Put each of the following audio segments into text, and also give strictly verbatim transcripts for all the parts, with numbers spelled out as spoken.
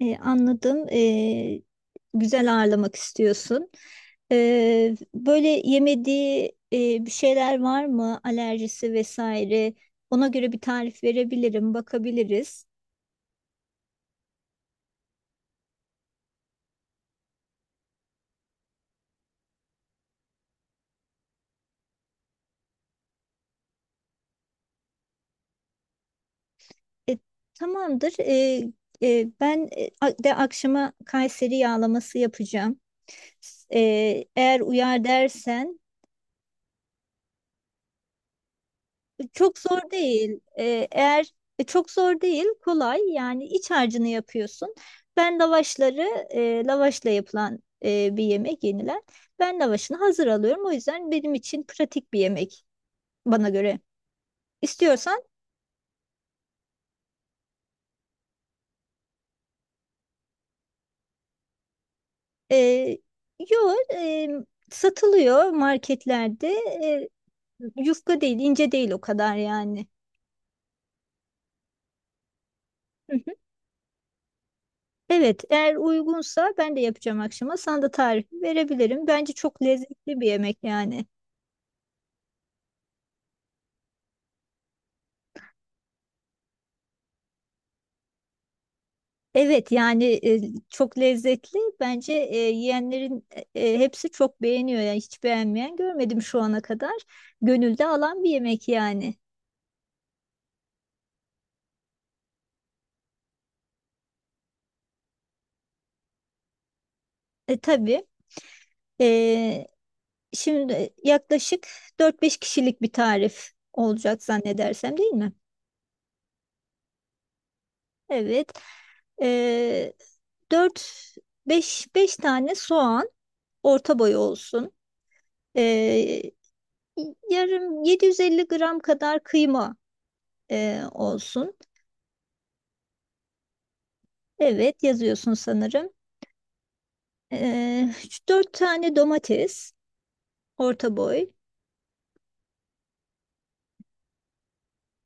E, anladım. E, güzel ağırlamak istiyorsun. E, böyle yemediği e, bir şeyler var mı? Alerjisi vesaire. Ona göre bir tarif verebilirim, bakabiliriz. E, tamamdır. E, e, ben e, a- de akşama Kayseri yağlaması yapacağım. E, eğer uyar dersen. Çok zor değil. Ee, eğer e, çok zor değil, kolay. Yani iç harcını yapıyorsun. Ben lavaşları, e, lavaşla yapılan e, bir yemek yenilen. Ben lavaşını hazır alıyorum. O yüzden benim için pratik bir yemek bana göre. İstiyorsan e, yo, e, satılıyor marketlerde. E, yufka değil, ince değil o kadar yani. Hı hı. Evet, eğer uygunsa ben de yapacağım akşama. Sana da tarifi verebilirim. Bence çok lezzetli bir yemek yani. Evet yani, e, çok lezzetli. Bence e, yiyenlerin e, e, hepsi çok beğeniyor. Yani hiç beğenmeyen görmedim şu ana kadar. Gönülde alan bir yemek yani. E, tabii. E, şimdi yaklaşık dört beş kişilik bir tarif olacak zannedersem, değil mi? Evet. E, dört beş 5 tane soğan, orta boy olsun. E, yarım yedi yüz elli gram kadar kıyma e, olsun. Evet, yazıyorsun sanırım. Ee, dört tane domates, orta boy.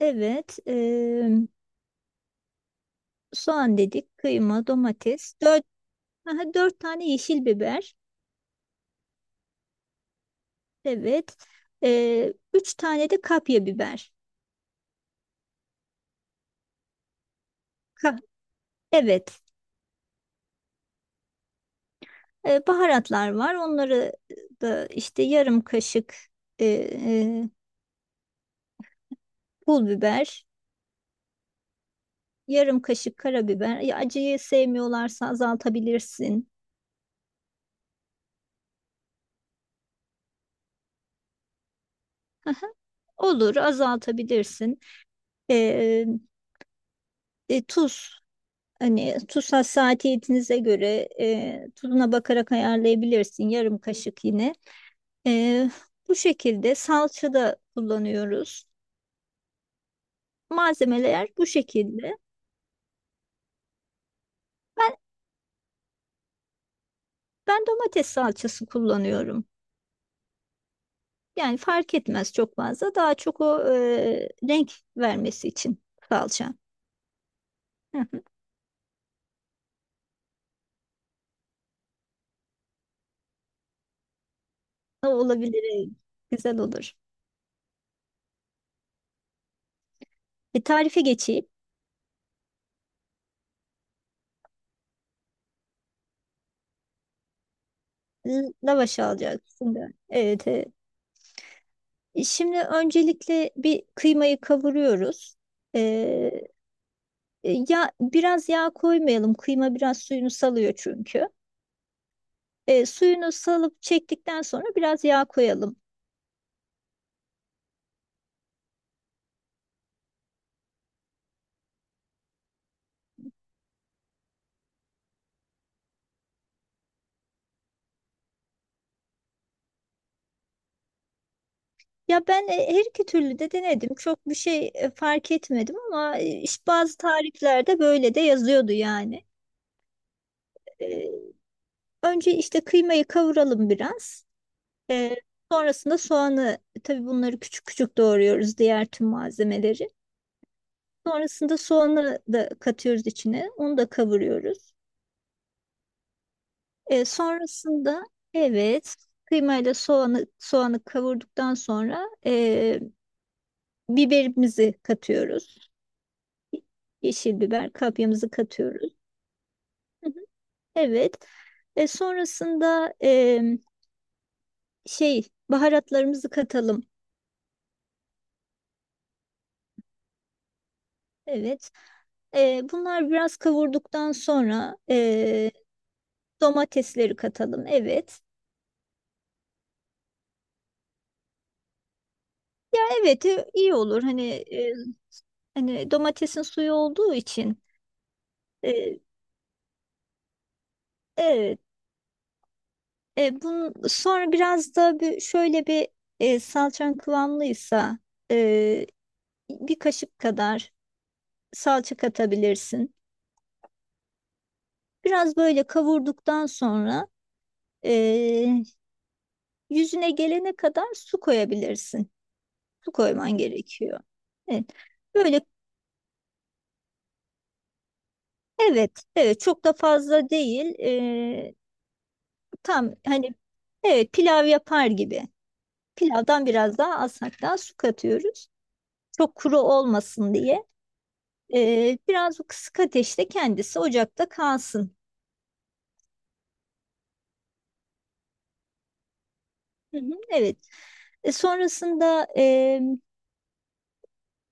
Evet. Ee, soğan dedik, kıyma, domates. Dört, aha, dört tane yeşil biber. Evet. Ee, üç tane de kapya biber. Ka- evet. Ee, baharatlar var. Onları da işte yarım kaşık ee, ee, pul biber. Yarım kaşık karabiber. Ya, acıyı sevmiyorlarsa azaltabilirsin. Olur, azaltabilirsin. E, e, tuz, hani tuz hassasiyetinize göre e, tuzuna bakarak ayarlayabilirsin, yarım kaşık yine. E, bu şekilde salça da kullanıyoruz. Malzemeler bu şekilde. Ben ben domates salçası kullanıyorum. Yani fark etmez çok fazla. Daha çok o e, renk vermesi için salça. Hı hı. O olabilir. e, Güzel olur. Bir tarife geçeyim. L- Lavaş alacaksın da. Evet, evet. E, Şimdi öncelikle bir kıymayı kavuruyoruz. Ee, ya biraz yağ koymayalım. Kıyma biraz suyunu salıyor çünkü. Ee, suyunu salıp çektikten sonra biraz yağ koyalım. Ya ben e, her iki türlü de denedim. Çok bir şey e, fark etmedim, ama e, işte bazı tariflerde böyle de yazıyordu yani. Ee, önce işte kıymayı kavuralım biraz. Ee, sonrasında soğanı, tabii bunları küçük küçük doğruyoruz, diğer tüm malzemeleri. Sonrasında soğanı da katıyoruz içine. Onu da kavuruyoruz. E, sonrasında, evet, kıymayla soğanı soğanı kavurduktan sonra e, biberimizi katıyoruz. Yeşil biber, kapyamızı katıyoruz. Hı hı. Evet. E, sonrasında e, şey, baharatlarımızı katalım. Evet. E, bunlar biraz kavurduktan sonra e, domatesleri katalım. Evet. Evet, e, iyi olur. Hani e, Hani domatesin suyu olduğu için e, evet, e, bunun sonra biraz da bir, şöyle bir, e, salçan kıvamlıysa, e, bir kaşık kadar salça katabilirsin. Biraz böyle kavurduktan sonra e, yüzüne gelene kadar su koyabilirsin. Su koyman gerekiyor. Evet. Böyle, evet evet, çok da fazla değil. E, tam hani, evet, pilav yapar gibi. Pilavdan biraz daha az hatta su katıyoruz. Çok kuru olmasın diye. Ee, biraz o kısık ateşte kendisi ocakta kalsın. Hı hı. Evet. E, sonrasında, e,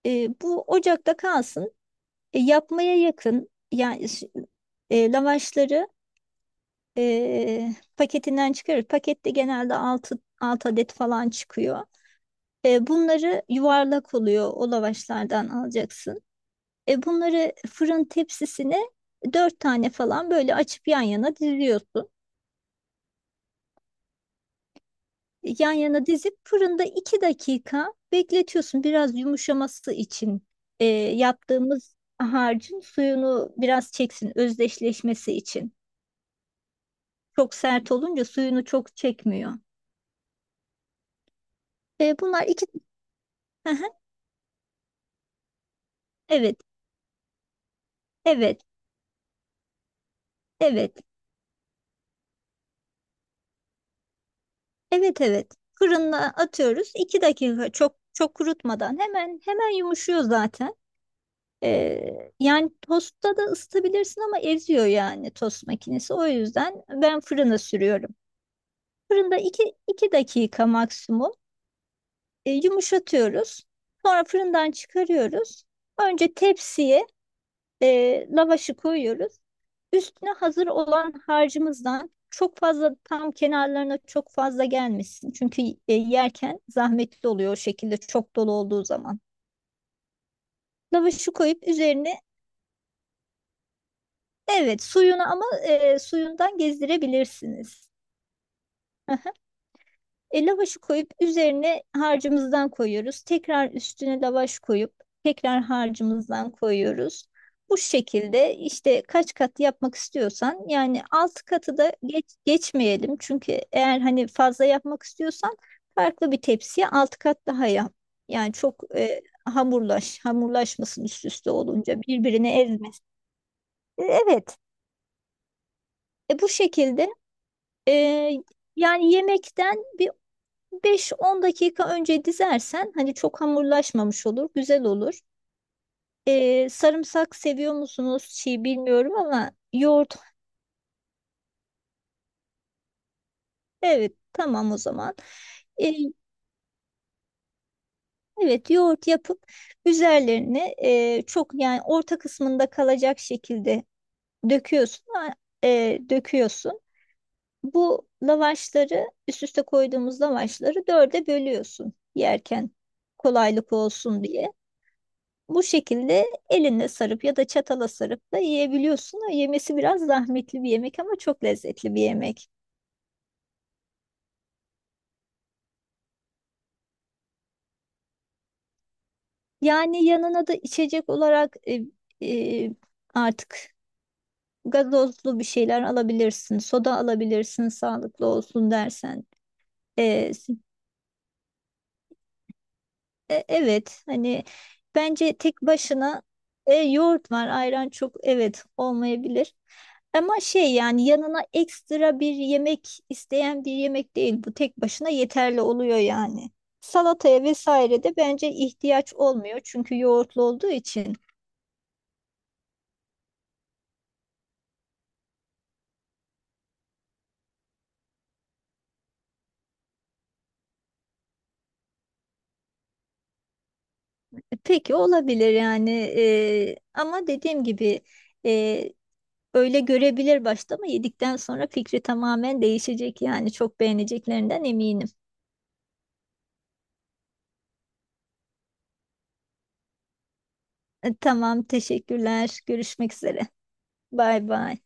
e, bu ocakta kalsın. E, yapmaya yakın yani, s- e, lavaşları e, paketinden çıkarır. Pakette genelde altı, altı adet falan çıkıyor. E, bunları, yuvarlak oluyor, o lavaşlardan alacaksın. E, bunları fırın tepsisine dört tane falan böyle açıp yan yana diziyorsun. E, Yan yana dizip fırında iki dakika bekletiyorsun. Biraz yumuşaması için e, yaptığımız harcın suyunu biraz çeksin, özdeşleşmesi için. Çok sert olunca suyunu çok çekmiyor. E, bunlar iki... Hı hı. Evet, evet, evet, evet, evet. Fırına atıyoruz. iki dakika çok çok kurutmadan hemen hemen yumuşuyor zaten. Ee, yani tostta da ısıtabilirsin, ama eziyor yani tost makinesi. O yüzden ben fırına sürüyorum. Fırında iki iki dakika maksimum e, yumuşatıyoruz. Sonra fırından çıkarıyoruz. Önce tepsiye e, lavaşı koyuyoruz. Üstüne hazır olan harcımızdan çok fazla, tam kenarlarına çok fazla gelmesin. Çünkü e, yerken zahmetli oluyor, o şekilde çok dolu olduğu zaman. Lavaşı koyup üzerine... Evet, suyunu, ama e, suyundan gezdirebilirsiniz. Aha. E, lavaşı koyup üzerine harcımızdan koyuyoruz. Tekrar üstüne lavaş koyup tekrar harcımızdan koyuyoruz. Bu şekilde işte kaç kat yapmak istiyorsan, yani altı katı da geç, geçmeyelim. Çünkü eğer hani fazla yapmak istiyorsan farklı bir tepsiye altı kat daha yap. Yani çok e, hamurlaş, hamurlaşmasın, üst üste olunca birbirini ezmesin. E, Evet. E bu şekilde. Ee, yani yemekten bir beş on dakika önce dizersen hani çok hamurlaşmamış olur, güzel olur. Ee, sarımsak seviyor musunuz? Çiğ bilmiyorum, ama yoğurt. Evet, tamam o zaman. Ee, evet, yoğurt yapıp üzerlerine e, çok, yani orta kısmında kalacak şekilde döküyorsun. a- e, döküyorsun. Bu lavaşları, üst üste koyduğumuz lavaşları, dörde bölüyorsun yerken kolaylık olsun diye. Bu şekilde elinle sarıp ya da çatala sarıp da yiyebiliyorsun. O yemesi biraz zahmetli bir yemek, ama çok lezzetli bir yemek. Yani yanına da içecek olarak e, e, artık gazozlu bir şeyler alabilirsin. Soda alabilirsin, sağlıklı olsun dersen. E, E, evet, hani bence tek başına e, yoğurt var, ayran çok, evet, olmayabilir. Ama şey yani, yanına ekstra bir yemek isteyen bir yemek değil bu, tek başına yeterli oluyor yani. Salataya vesaire de bence ihtiyaç olmuyor, çünkü yoğurtlu olduğu için. E, Peki, olabilir yani, e, ama dediğim gibi, e, öyle görebilir başta, ama yedikten sonra fikri tamamen değişecek yani, çok beğeneceklerinden eminim. E, Tamam, teşekkürler. Görüşmek üzere. Bay bay.